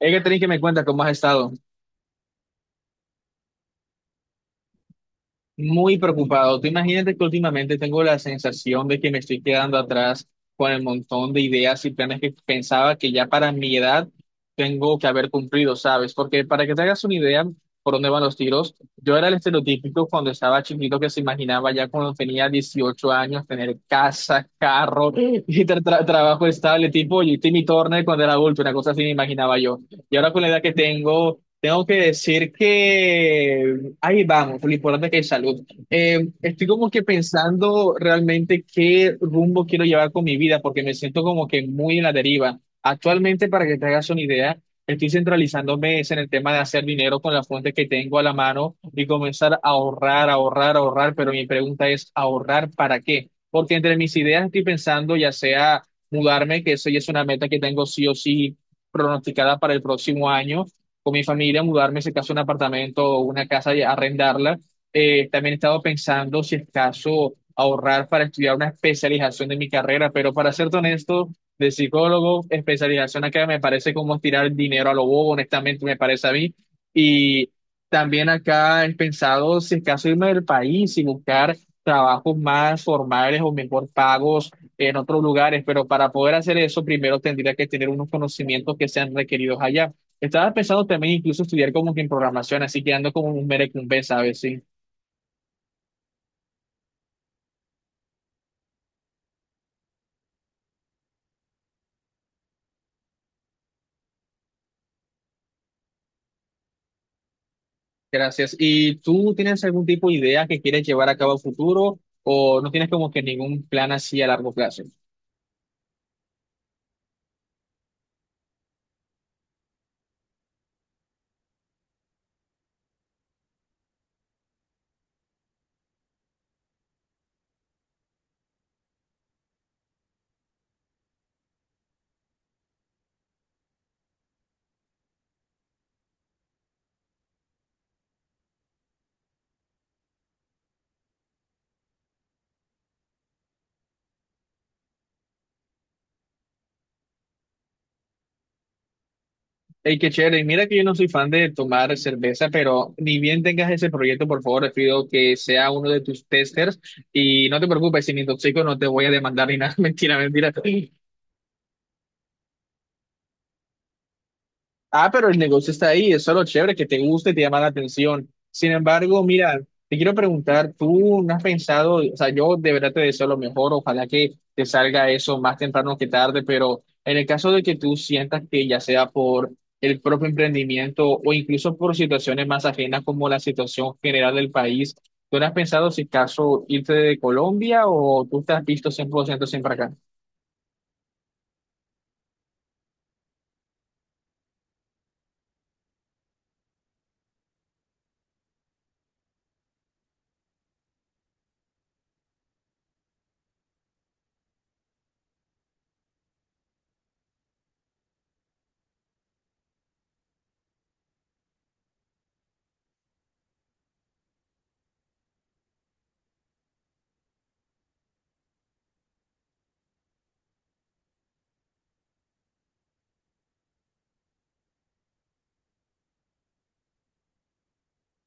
Hay que tener que me cuenta cómo has estado. Muy preocupado. Tú imagínate que últimamente tengo la sensación de que me estoy quedando atrás con el montón de ideas y planes que pensaba que ya para mi edad tengo que haber cumplido, ¿sabes? Porque para que te hagas una idea por dónde van los tiros, yo era el estereotípico cuando estaba chiquito que se imaginaba ya cuando tenía 18 años tener casa, carro y trabajo estable, tipo y Timmy Turner cuando era adulto, una cosa así me imaginaba yo. Y ahora con la edad que tengo. Tengo que decir que ahí vamos, lo importante es que hay salud. Estoy como que pensando realmente qué rumbo quiero llevar con mi vida, porque me siento como que muy en la deriva. Actualmente, para que te hagas una idea, estoy centralizándome es en el tema de hacer dinero con las fuentes que tengo a la mano y comenzar a ahorrar, ahorrar, ahorrar, pero mi pregunta es, ¿ahorrar para qué? Porque entre mis ideas estoy pensando ya sea mudarme, que eso ya es una meta que tengo sí o sí pronosticada para el próximo año con mi familia, mudarme, si acaso, a un apartamento o una casa y arrendarla. También he estado pensando, si es caso, ahorrar para estudiar una especialización de mi carrera, pero para ser honesto, de psicólogo, especialización acá me parece como tirar dinero a lo bobo, honestamente, me parece a mí. Y también acá he pensado, si es caso, irme del país y buscar trabajos más formales o mejor pagos en otros lugares, pero para poder hacer eso, primero tendría que tener unos conocimientos que sean requeridos allá. Estaba pensando también incluso estudiar como que en programación, así que ando como un merecumbe, ¿sabes? Sí, gracias. ¿Y tú tienes algún tipo de idea que quieres llevar a cabo a futuro o no tienes como que ningún plan así a largo plazo? Hey, qué chévere. Mira que yo no soy fan de tomar cerveza, pero ni bien tengas ese proyecto, por favor, te pido que sea uno de tus testers y no te preocupes, si me intoxico no te voy a demandar ni nada. Mentira, mentira. Ah, pero el negocio está ahí, eso es lo chévere, que te guste, te llama la atención. Sin embargo, mira, te quiero preguntar, ¿tú no has pensado, o sea, yo de verdad te deseo lo mejor, ojalá que te salga eso más temprano que tarde, pero en el caso de que tú sientas que ya sea por el propio emprendimiento o incluso por situaciones más ajenas como la situación general del país, ¿tú no has pensado si caso irte de Colombia o tú te has visto 100% siempre acá?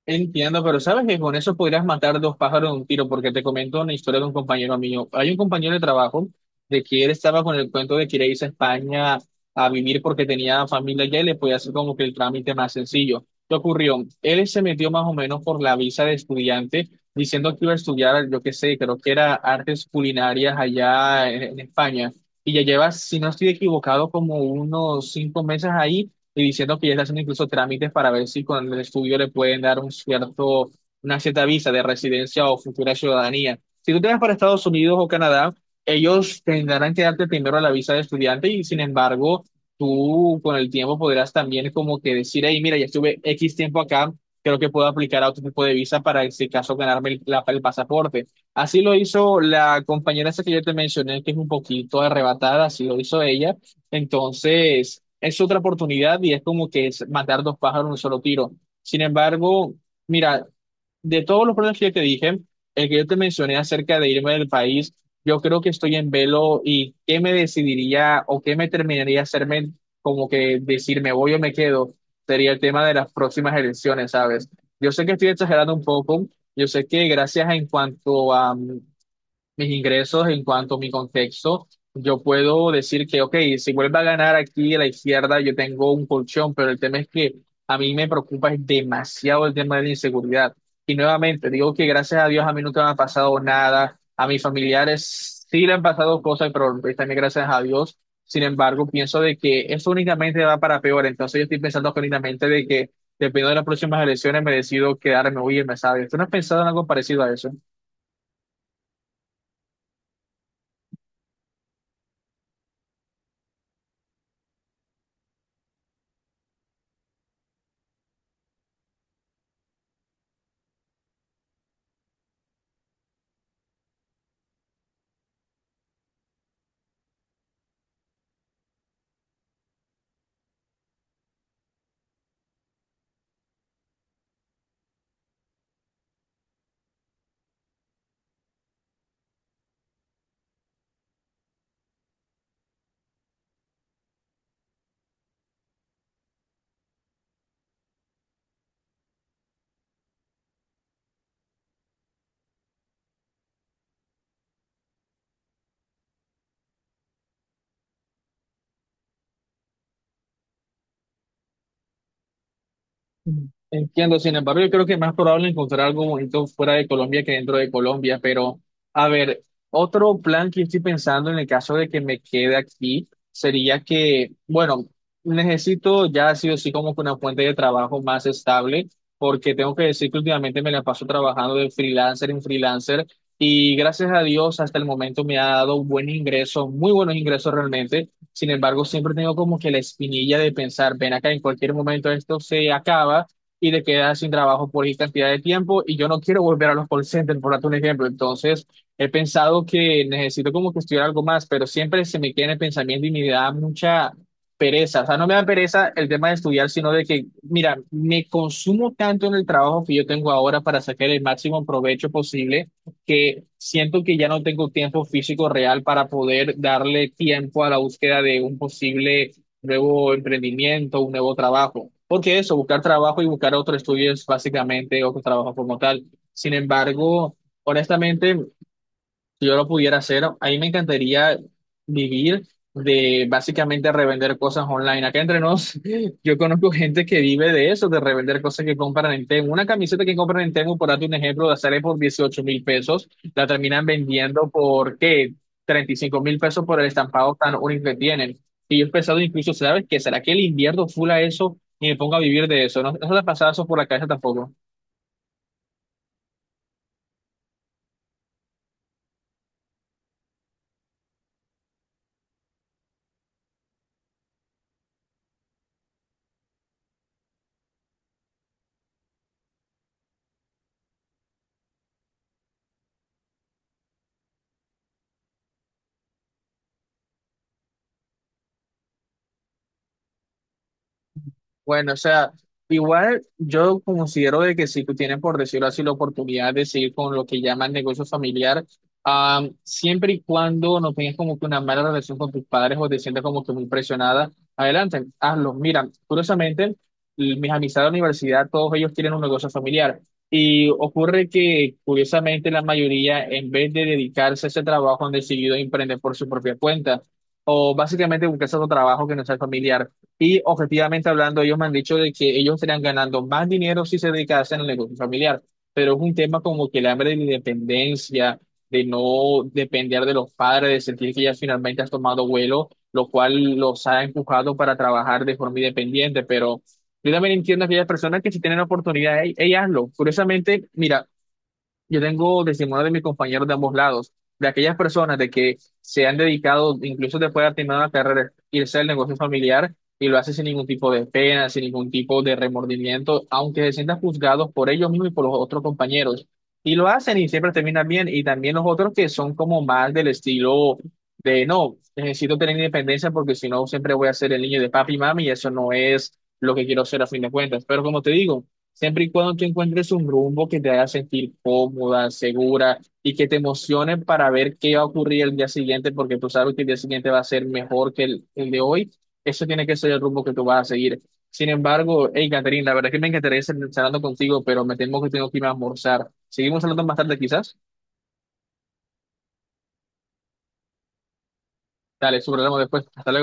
Entiendo, pero sabes que con eso podrías matar dos pájaros de un tiro, porque te comento una historia de un compañero mío. Hay un compañero de trabajo de que él estaba con el cuento de que irse a España a vivir porque tenía familia allá y le podía hacer como que el trámite más sencillo. ¿Qué ocurrió? Él se metió más o menos por la visa de estudiante, diciendo que iba a estudiar, yo qué sé, creo que era artes culinarias allá en España. Y ya lleva, si no estoy equivocado, como unos 5 meses ahí y diciendo que ya está haciendo incluso trámites para ver si con el estudio le pueden dar un cierto, una cierta visa de residencia o futura ciudadanía. Si tú te vas para Estados Unidos o Canadá, ellos tendrán que darte primero la visa de estudiante y sin embargo, tú con el tiempo podrás también como que decir, hey, mira, ya estuve X tiempo acá, creo que puedo aplicar a otro tipo de visa para, en este caso, ganarme el pasaporte. Así lo hizo la compañera esa que yo te mencioné, que es un poquito arrebatada, así lo hizo ella entonces, es otra oportunidad y es como que es matar dos pájaros en un solo tiro. Sin embargo, mira, de todos los problemas que yo te dije, el que yo te mencioné acerca de irme del país, yo creo que estoy en velo y qué me decidiría o qué me terminaría hacerme como que decir me voy o me quedo, sería el tema de las próximas elecciones, ¿sabes? Yo sé que estoy exagerando un poco, yo sé que gracias a en cuanto a mis ingresos en cuanto a mi contexto, yo puedo decir que, ok, si vuelve a ganar aquí a la izquierda, yo tengo un colchón, pero el tema es que a mí me preocupa es demasiado el tema de la inseguridad. Y nuevamente, digo que gracias a Dios a mí nunca me ha pasado nada, a mis familiares sí le han pasado cosas, pero pues también gracias a Dios. Sin embargo, pienso de que eso únicamente va para peor, entonces yo estoy pensando que únicamente de que dependiendo de las próximas elecciones me decido quedarme, oye, me sabes, ¿tú no has pensado en algo parecido a eso? Mm. Entiendo, sin embargo, yo creo que es más probable encontrar algo bonito fuera de Colombia que dentro de Colombia, pero a ver, otro plan que estoy pensando en el caso de que me quede aquí sería que, bueno, necesito ya sí o sí como que una fuente de trabajo más estable, porque tengo que decir que últimamente me la paso trabajando de freelancer en freelancer y gracias a Dios hasta el momento me ha dado un buen ingreso, muy buenos ingresos realmente. Sin embargo, siempre tengo como que la espinilla de pensar, ven acá, en cualquier momento esto se acaba y te quedas sin trabajo por X cantidad de tiempo y yo no quiero volver a los call centers, por darte un ejemplo. Entonces, he pensado que necesito como que estudiar algo más, pero siempre se me queda en el pensamiento y me da mucha pereza. O sea, no me da pereza el tema de estudiar, sino de que, mira, me consumo tanto en el trabajo que yo tengo ahora para sacar el máximo provecho posible que siento que ya no tengo tiempo físico real para poder darle tiempo a la búsqueda de un posible nuevo emprendimiento, un nuevo trabajo. Porque eso, buscar trabajo y buscar otro estudio es básicamente otro trabajo como tal. Sin embargo, honestamente, si yo lo pudiera hacer, a mí me encantaría vivir de básicamente revender cosas online. Acá entre nos, yo conozco gente que vive de eso, de revender cosas que compran en Temu. Una camiseta que compran en Temu, por darte un ejemplo, la sale por 18.000 pesos, la terminan vendiendo por, ¿qué? 35.000 pesos por el estampado tan único que tienen. Y yo he pensado incluso, ¿sabes qué? ¿Será que le invierno full a eso y me pongo a vivir de eso? No, no se te ha pasado eso por la cabeza tampoco. Bueno, o sea, igual yo considero de que si tú tienes, por decirlo así, la oportunidad de seguir con lo que llaman negocio familiar, siempre y cuando no tengas como que una mala relación con tus padres o te sientas como que muy presionada, adelante, hazlo. Mira, curiosamente, mis amistades de la universidad, todos ellos tienen un negocio familiar. Y ocurre que, curiosamente, la mayoría, en vez de dedicarse a ese trabajo, han decidido emprender por su propia cuenta o básicamente buscar otro trabajo que no sea familiar. Y objetivamente hablando, ellos me han dicho de que ellos estarían ganando más dinero si se dedicasen al negocio familiar, pero es un tema como que el hambre de la independencia, de no depender de los padres, de sentir que ya finalmente has tomado vuelo, lo cual los ha empujado para trabajar de forma independiente, pero yo también entiendo a aquellas personas que si tienen la oportunidad, ey, ey, hazlo. Curiosamente, mira, yo tengo testimonio de mis compañeros de ambos lados, de aquellas personas de que se han dedicado, incluso después de terminar la carrera, irse al negocio familiar y lo hacen sin ningún tipo de pena, sin ningún tipo de remordimiento, aunque se sientan juzgados por ellos mismos y por los otros compañeros. Y lo hacen y siempre terminan bien. Y también los otros que son como más del estilo de, no, necesito tener independencia porque si no siempre voy a ser el niño de papi y mami y eso no es lo que quiero ser a fin de cuentas. Pero como te digo. Siempre y cuando tú encuentres un rumbo que te haga sentir cómoda, segura y que te emocione para ver qué va a ocurrir el día siguiente, porque tú sabes que el día siguiente va a ser mejor que el de hoy, eso tiene que ser el rumbo que tú vas a seguir. Sin embargo, hey, Catherine, la verdad es que me encantaría seguir charlando contigo, pero me temo que tengo que irme a almorzar. Seguimos hablando más tarde, quizás. Dale, sobre después. Hasta luego.